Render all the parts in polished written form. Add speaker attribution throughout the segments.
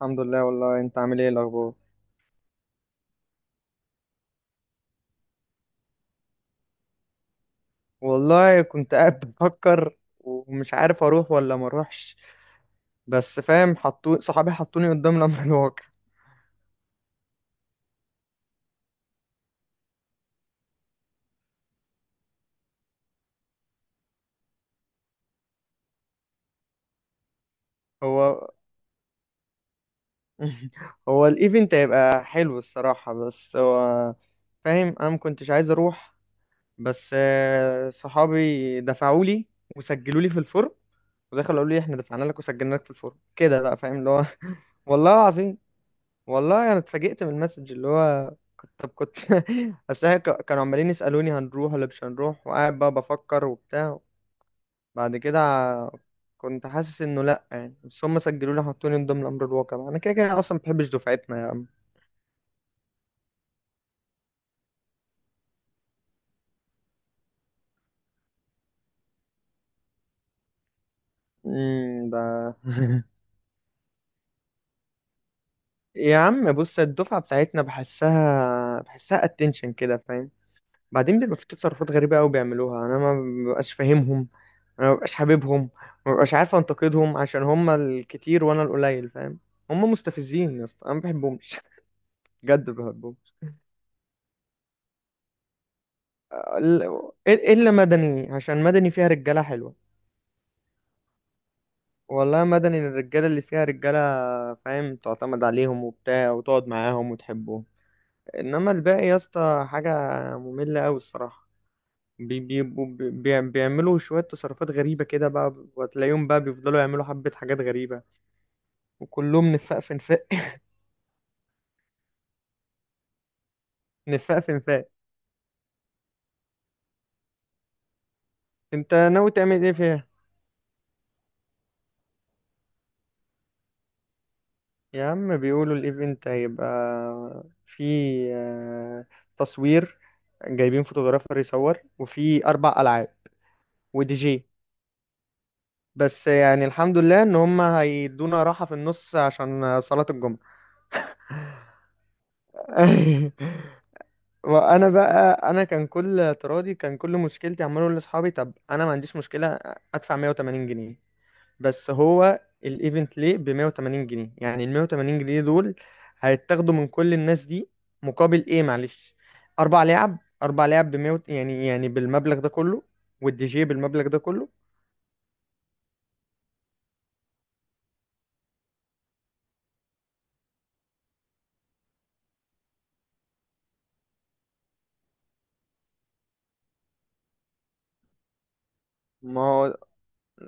Speaker 1: الحمد لله، والله انت عامل ايه الاخبار؟ والله كنت قاعد بفكر ومش عارف اروح ولا ما اروحش. بس فاهم، صحابي حطوني قدام الامر الواقع. هو هو الايفنت هيبقى حلو الصراحة، بس هو فاهم انا ما كنتش عايز اروح. بس صحابي دفعوا لي وسجلوا لي في الفورم، ودخلوا قالوا لي احنا دفعنا لك وسجلنا لك في الفورم كده بقى فاهم اللي هو والله العظيم، والله انا اتفاجئت من المسج، اللي هو كنت بس هي كانوا عمالين يسالوني هنروح ولا مش هنروح، وقاعد بقى بفكر وبتاع. بعد كده ع- كنت حاسس انه لا يعني، بس هم سجلوا لي حطوني من ضمن امر الواقع، انا كده كده اصلا ما بحبش دفعتنا يا عم. ده يا عم بص، الدفعه بتاعتنا بحسها اتنشن كده فاهم. بعدين بيبقى في تصرفات غريبة قوي بيعملوها، انا ما ببقاش فاهمهم، انا ما ببقاش حاببهم، ما ببقاش عارف انتقدهم عشان هم الكتير وانا القليل فاهم. هم مستفزين يا اسطى، انا ما بحبهمش بجد ما بحبهمش. ال- الا مدني، عشان مدني فيها رجالة حلوة. والله مدني الرجالة اللي فيها رجالة، فاهم تعتمد عليهم وبتاع وتقعد معاهم وتحبهم. انما الباقي يا اسطى حاجة مملة قوي الصراحة. بيعملوا شوية تصرفات غريبة كده بقى، وتلاقيهم بقى بيفضلوا يعملوا حبة حاجات غريبة، وكلهم نفاق في نفاق نفاق في نفاق. انت ناوي تعمل ايه فيها؟ يا عم بيقولوا الايفنت هيبقى في، آه، تصوير، جايبين فوتوغرافر يصور، وفي أربع ألعاب، ودي جي. بس يعني الحمد لله ان هم هيدونا راحة في النص عشان صلاة الجمعة. وانا بقى، انا كان كل اعتراضي، كان كل مشكلتي عمال اقول لاصحابي طب انا ما عنديش مشكله ادفع 180 جنيه، بس هو الايفنت ليه ب 180 جنيه؟ يعني ال 180 جنيه دول هيتاخدوا من كل الناس دي مقابل ايه؟ معلش، اربع لعب، اربع لعب ب 100، يعني بالمبلغ ده كله، والدي جي بالمبلغ ده كله. ما هو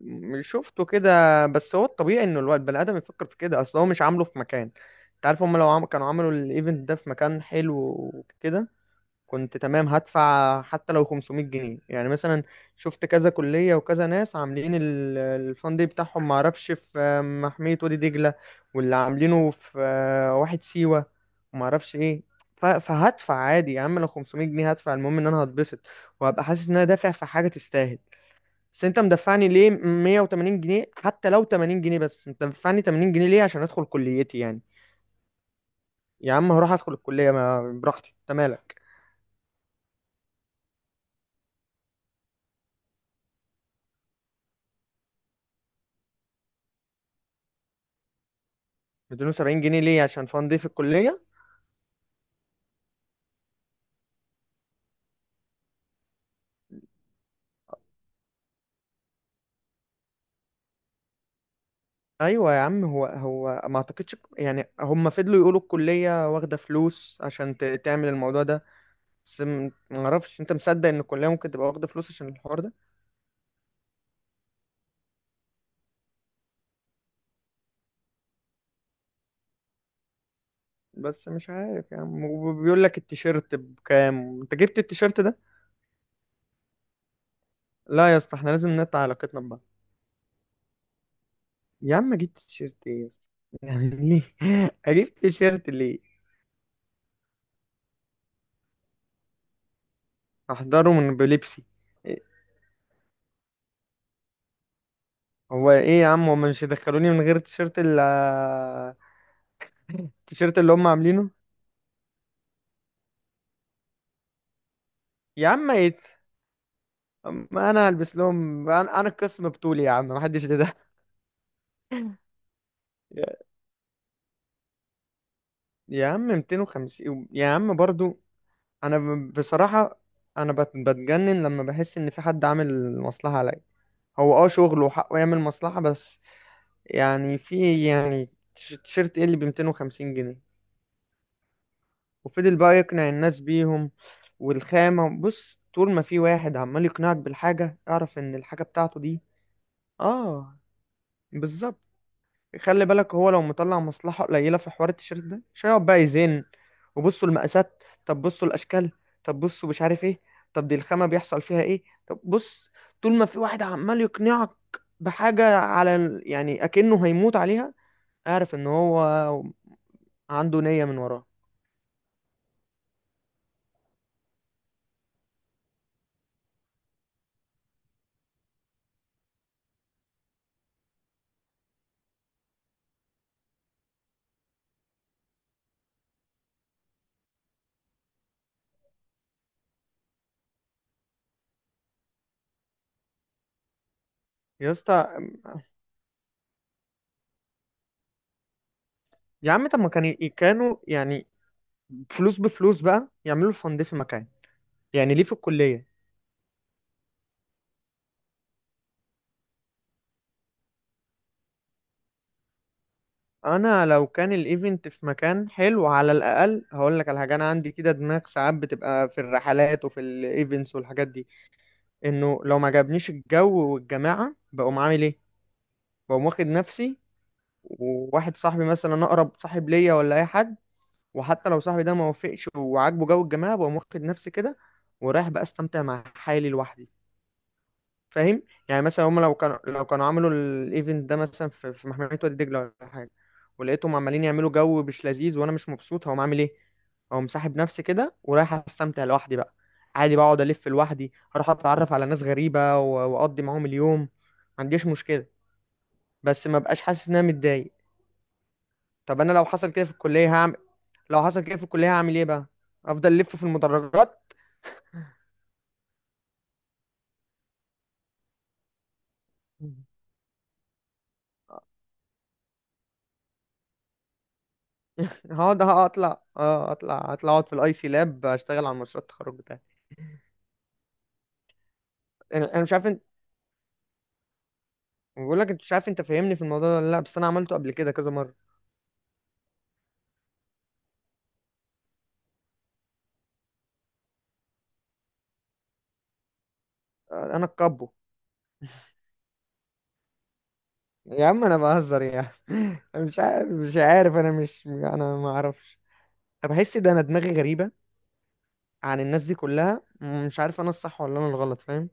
Speaker 1: شفته كده، بس هو الطبيعي انه الواد البني ادم يفكر في كده، اصل هو مش عامله في مكان. انت عارف، كانوا عملوا الايفنت ده في مكان حلو وكده، كنت تمام هدفع حتى لو 500 جنيه يعني مثلا. شفت كذا كلية وكذا ناس عاملين الفان دي بتاعهم، معرفش في محمية وادي دجلة، واللي عاملينه في واحد سيوة، ومعرفش ايه. فهدفع عادي يا عم لو 500 جنيه هدفع، المهم ان انا هتبسط وهبقى حاسس ان انا دافع في حاجة تستاهل. بس انت مدفعني ليه 180 جنيه؟ حتى لو 80 جنيه، بس انت مدفعني 80 جنيه ليه عشان ادخل كليتي يعني؟ يا عم هروح ادخل الكلية ما براحتي، انت مالك. 270 جنيه ليه عشان فان دي في الكلية؟ ايوه يا عم، هو ما اعتقدش، يعني هم فضلوا يقولوا الكلية واخدة فلوس عشان تعمل الموضوع ده. بس ما اعرفش، انت مصدق ان الكلية ممكن تبقى واخدة فلوس عشان الحوار ده؟ بس مش عارف يا عم، وبيقول لك التيشيرت بكام، انت جبت التيشيرت ده؟ لا يا اسطى، احنا لازم نقطع علاقتنا ببعض. يا عم جبت تيشيرت ايه يا اسطى؟ يعني ليه اجيب تيشيرت ليه؟ احضره من بلبسي. إيه- هو ايه يا عم، هم مش يدخلوني من غير التيشيرت اللي، التيشيرت اللي هم عاملينه؟ يا عم ايه؟ ما انا هلبس لهم، انا القسم بطولي يا عم، محدش ده. يا عم 250 يا عم برضو. بصراحة، انا بتجنن لما بحس ان في حد عامل مصلحة عليا. هو شغله وحقه يعمل مصلحة، بس يعني في، يعني تيشيرت ايه اللي ب 250 جنيه؟ وفضل بقى يقنع الناس بيهم. والخامة بص، طول ما في واحد عمال يقنعك بالحاجة، اعرف ان الحاجة بتاعته دي، اه، بالظبط. خلي بالك، هو لو مطلع مصلحة قليلة في حوار التيشيرت ده مش هيقعد بقى يزن وبصوا المقاسات، طب بصوا الأشكال، طب بصوا مش عارف ايه، طب دي الخامة بيحصل فيها ايه، طب بص، طول ما في واحد عمال يقنعك بحاجة على يعني أكنه هيموت عليها، اعرف ان هو عنده نية من وراه. يا اسطى، يا عم طب ما كان كانوا يعني فلوس بفلوس بقى يعملوا فند في مكان، يعني ليه في الكلية؟ انا لو كان الايفنت في مكان حلو، على الاقل هقول لك على حاجه. انا عندي كده دماغ ساعات بتبقى في الرحلات وفي الايفنتس والحاجات دي، انه لو ما عجبنيش الجو والجماعه بقوم عامل ايه؟ بقوم واخد نفسي، وواحد صاحبي مثلا اقرب صاحب ليا ولا اي حد، وحتى لو صاحبي ده ما وافقش وعاجبه جو الجماعه، بقوم واخد نفسي كده ورايح بقى استمتع مع حالي لوحدي. فاهم؟ يعني مثلا هم لو كانوا، عملوا الايفنت ده مثلا في محمية وادي دجلة ولا حاجة، ولقيتهم عمالين يعملوا جو مش لذيذ وانا مش مبسوط، هقوم عامل ايه؟ او مسحب نفسي كده ورايح استمتع لوحدي بقى، عادي بقعد الف لوحدي اروح اتعرف على ناس غريبة واقضي معاهم اليوم ما عنديش مشكلة، بس ما بقاش حاسس ان انا متضايق. طب انا لو حصل كده في الكلية هعمل، لو حصل كده في الكلية هعمل ايه بقى؟ افضل الف في المدرجات، هقعد اطلع اقعد في الاي سي لاب، اشتغل على مشروع التخرج بتاعي. انا مش عارف، انت، بقول لك انت مش عارف، انت فاهمني في الموضوع ده ولا لا؟ بس انا عملته قبل كده كذا مره. انا الكابو. يا عم انا بهزر يا عم أنا مش عارف، انا ما اعرفش. أنا بحس ده انا دماغي غريبه عن الناس دي كلها، مش عارف انا الصح ولا انا الغلط فاهم.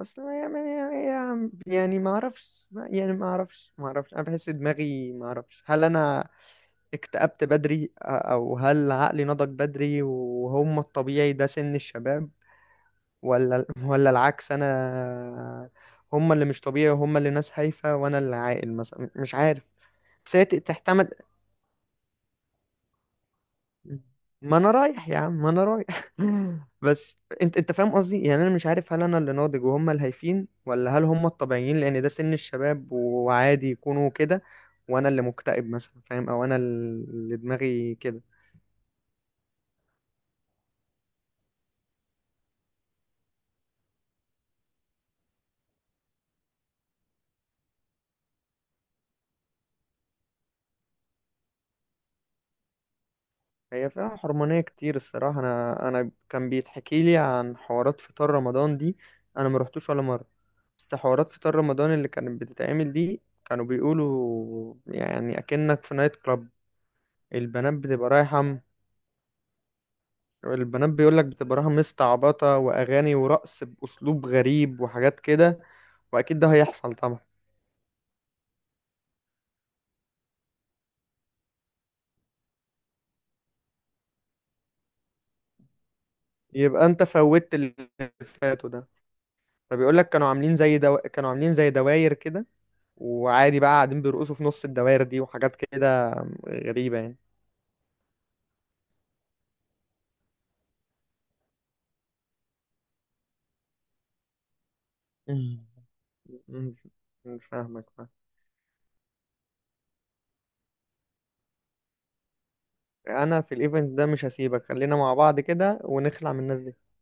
Speaker 1: اصل يعني ما اعرفش، انا بحس دماغي، ما اعرفش هل انا اكتئبت بدري، او هل عقلي نضج بدري وهم الطبيعي ده سن الشباب، ولا العكس؟ انا هم اللي مش طبيعي، وهم اللي ناس هايفة، وانا اللي عاقل مثلا، مش عارف. بس هي تحتمل. ما انا رايح يا عم، ما انا رايح بس انت فاهم قصدي، يعني انا مش عارف هل انا اللي ناضج وهم الهايفين، ولا هل هم الطبيعيين لان ده سن الشباب وعادي يكونوا كده، وانا اللي مكتئب مثلا فاهم، او انا اللي دماغي كده. هي فيها حرمانية كتير الصراحة، انا كان بيتحكي لي عن حوارات فطار رمضان دي، انا ما رحتوش ولا مرة، بس حوارات فطار رمضان اللي كانت بتتعمل دي كانوا بيقولوا يعني أكنك في نايت كلاب. البنات بتبقى رايحة، البنات بيقولك بتبقى رايحة مستعبطة، وأغاني ورقص بأسلوب غريب وحاجات كده، وأكيد ده هيحصل طبعا. يبقى أنت فوتت اللي فاتوا ده، فبيقولك كانوا عاملين زي كانوا عاملين زي دواير كده، وعادي بقى قاعدين بيرقصوا في نص الدواير دي وحاجات كده غريبة يعني. مش فاهمك. انا في الايفنت ده مش هسيبك، خلينا مع بعض كده ونخلع من الناس دي.